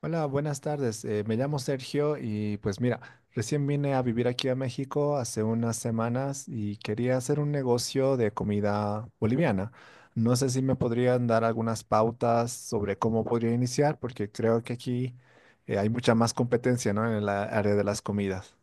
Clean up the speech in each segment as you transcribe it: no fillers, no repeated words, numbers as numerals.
Hola, buenas tardes. Me llamo Sergio y pues mira, recién vine a vivir aquí a México hace unas semanas y quería hacer un negocio de comida boliviana. No sé si me podrían dar algunas pautas sobre cómo podría iniciar, porque creo que aquí hay mucha más competencia, ¿no? En el área de las comidas.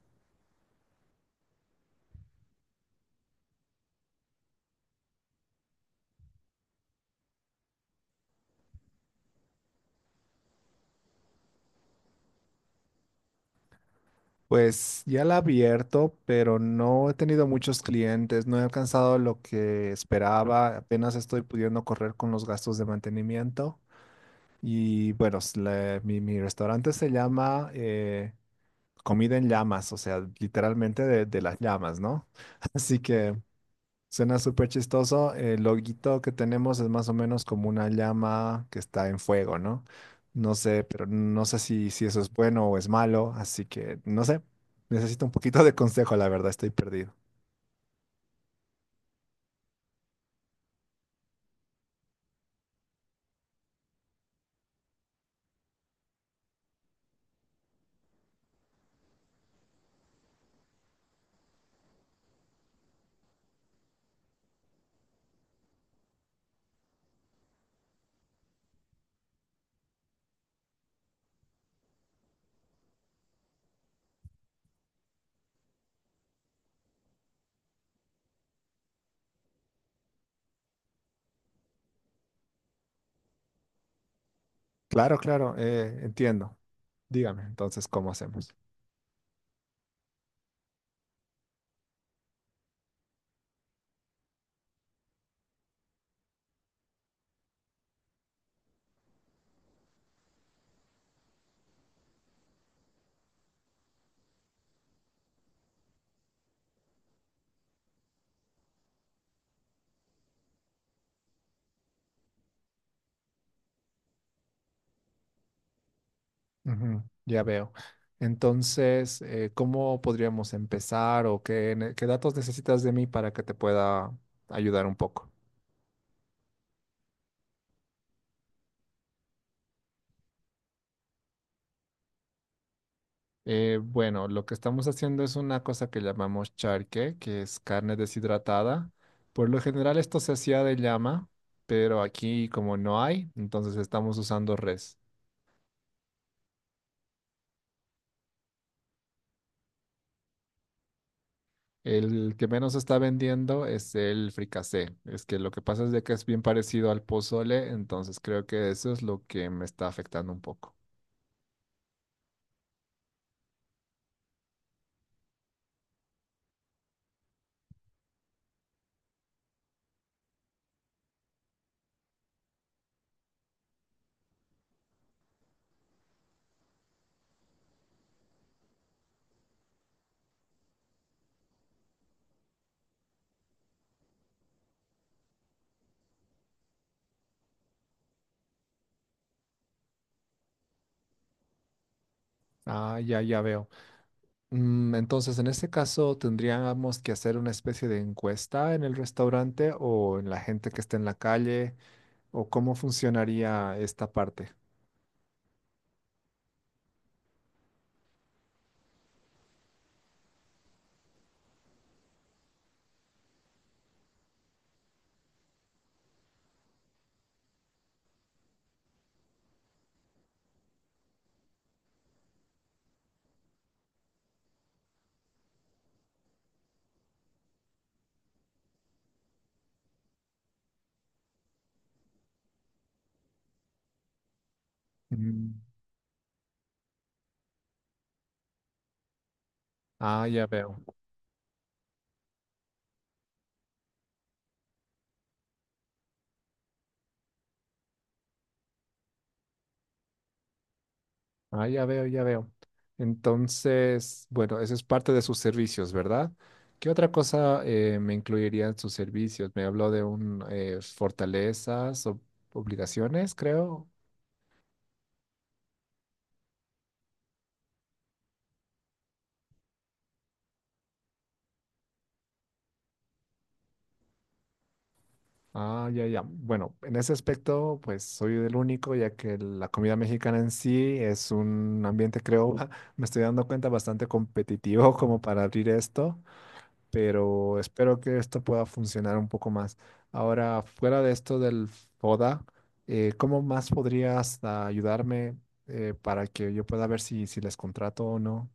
Pues ya la he abierto, pero no he tenido muchos clientes, no he alcanzado lo que esperaba, apenas estoy pudiendo correr con los gastos de mantenimiento. Y bueno, mi restaurante se llama Comida en Llamas, o sea, literalmente de las llamas, ¿no? Así que suena súper chistoso. El loguito que tenemos es más o menos como una llama que está en fuego, ¿no? No sé, pero no sé si eso es bueno o es malo, así que no sé. Necesito un poquito de consejo, la verdad, estoy perdido. Claro, claro, entiendo. Dígame entonces cómo hacemos. Ujú, ya veo. Entonces, ¿cómo podríamos empezar o qué datos necesitas de mí para que te pueda ayudar un poco? Bueno, lo que estamos haciendo es una cosa que llamamos charque, que es carne deshidratada. Por lo general esto se hacía de llama, pero aquí como no hay, entonces estamos usando res. El que menos está vendiendo es el fricasé. Es que lo que pasa es de que es bien parecido al pozole, entonces creo que eso es lo que me está afectando un poco. Ah, ya, ya veo. Entonces, en este caso, ¿tendríamos que hacer una especie de encuesta en el restaurante o en la gente que esté en la calle? ¿O cómo funcionaría esta parte? Mm, Ah, ya veo. Ah, ya veo, ya veo. Entonces, bueno, eso es parte de sus servicios, ¿verdad? ¿Qué otra cosa me incluiría en sus servicios? Me habló de un fortalezas o obligaciones, creo. Ah, ya, ya. Bueno, en ese aspecto, pues soy el único, ya que la comida mexicana en sí es un ambiente, creo, me estoy dando cuenta, bastante competitivo como para abrir esto, pero espero que esto pueda funcionar un poco más. Ahora, fuera de esto del FODA, ¿cómo más podrías ayudarme para que yo pueda ver si les contrato o no?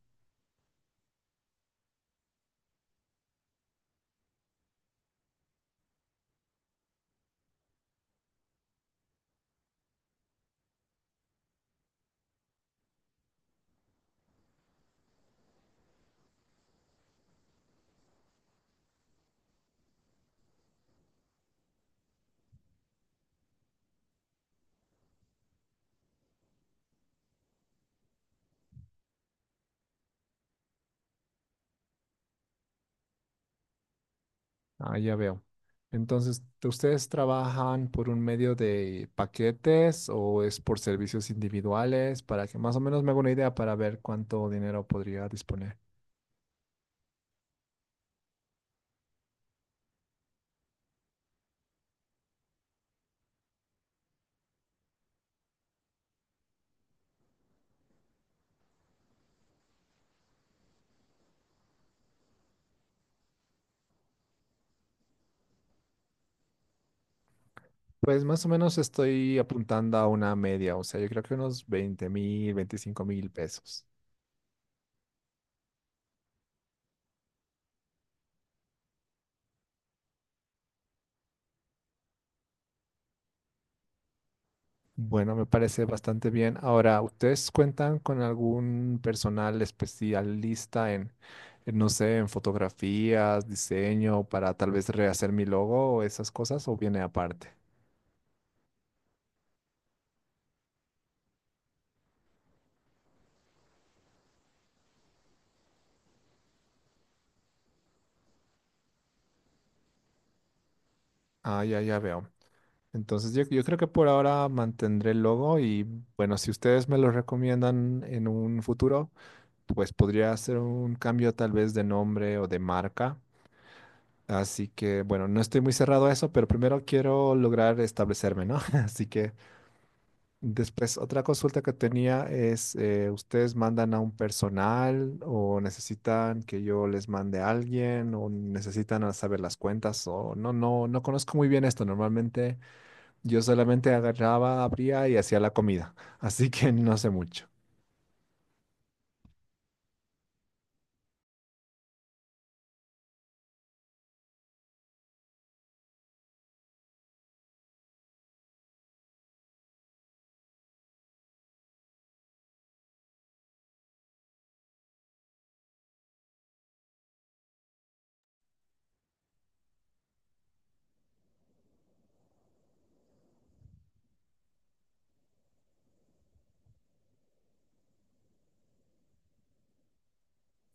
Ah, ya veo. Entonces, ¿ustedes trabajan por un medio de paquetes o es por servicios individuales? Para que más o menos me haga una idea para ver cuánto dinero podría disponer. Pues más o menos estoy apuntando a una media, o sea, yo creo que unos 20,000, 25,000 pesos. Bueno, me parece bastante bien. Ahora, ¿ustedes cuentan con algún personal especialista en, no sé, en fotografías, diseño, para tal vez rehacer mi logo o esas cosas, o viene aparte? Ah, ya, ya veo. Entonces yo creo que por ahora mantendré el logo y bueno, si ustedes me lo recomiendan en un futuro, pues podría hacer un cambio tal vez de nombre o de marca. Así que bueno, no estoy muy cerrado a eso, pero primero quiero lograr establecerme, ¿no? Así que después otra consulta que tenía es, ¿ustedes mandan a un personal o necesitan que yo les mande a alguien o necesitan saber las cuentas o no, no, no conozco muy bien esto normalmente. Yo solamente agarraba, abría y hacía la comida, así que no sé mucho.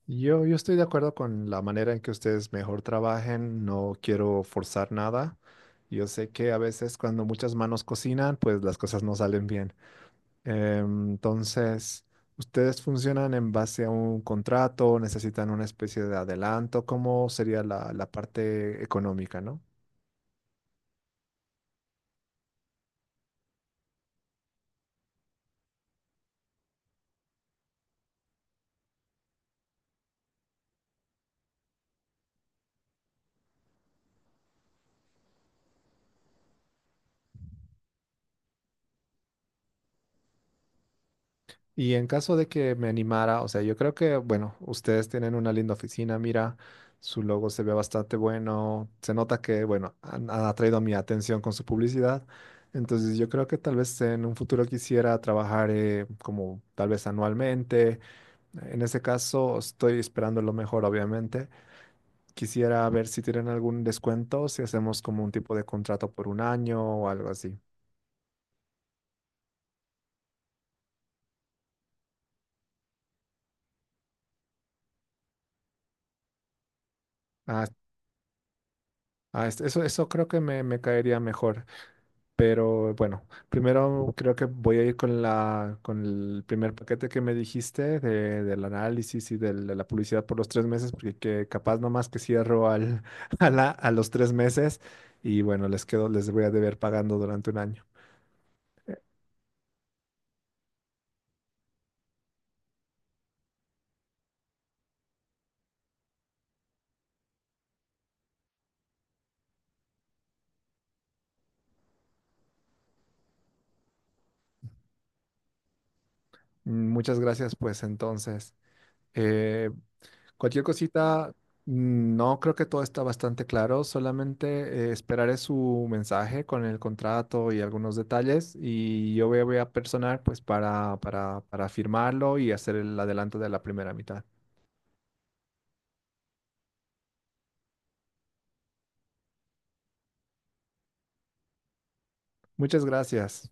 Yo estoy de acuerdo con la manera en que ustedes mejor trabajen, no quiero forzar nada. Yo sé que a veces cuando muchas manos cocinan, pues las cosas no salen bien. Entonces, ¿ustedes funcionan en base a un contrato? ¿Necesitan una especie de adelanto? ¿Cómo sería la parte económica, no? Y en caso de que me animara, o sea, yo creo que, bueno, ustedes tienen una linda oficina, mira, su logo se ve bastante bueno, se nota que, bueno, han atraído mi atención con su publicidad, entonces yo creo que tal vez en un futuro quisiera trabajar como tal vez anualmente, en ese caso estoy esperando lo mejor, obviamente, quisiera ver si tienen algún descuento, si hacemos como un tipo de contrato por un año o algo así. Ah, eso creo que me caería mejor. Pero bueno, primero creo que voy a ir con con el primer paquete que me dijiste del análisis y de la publicidad por los 3 meses, porque que capaz nomás que cierro a los 3 meses y bueno, les quedo, les voy a deber pagando durante un año. Muchas gracias, pues entonces. Eh, Cualquier cosita, no creo que todo está bastante claro, solamente esperaré su mensaje con el contrato y algunos detalles y yo voy a personar pues para firmarlo y hacer el adelanto de la primera mitad. Muchas gracias.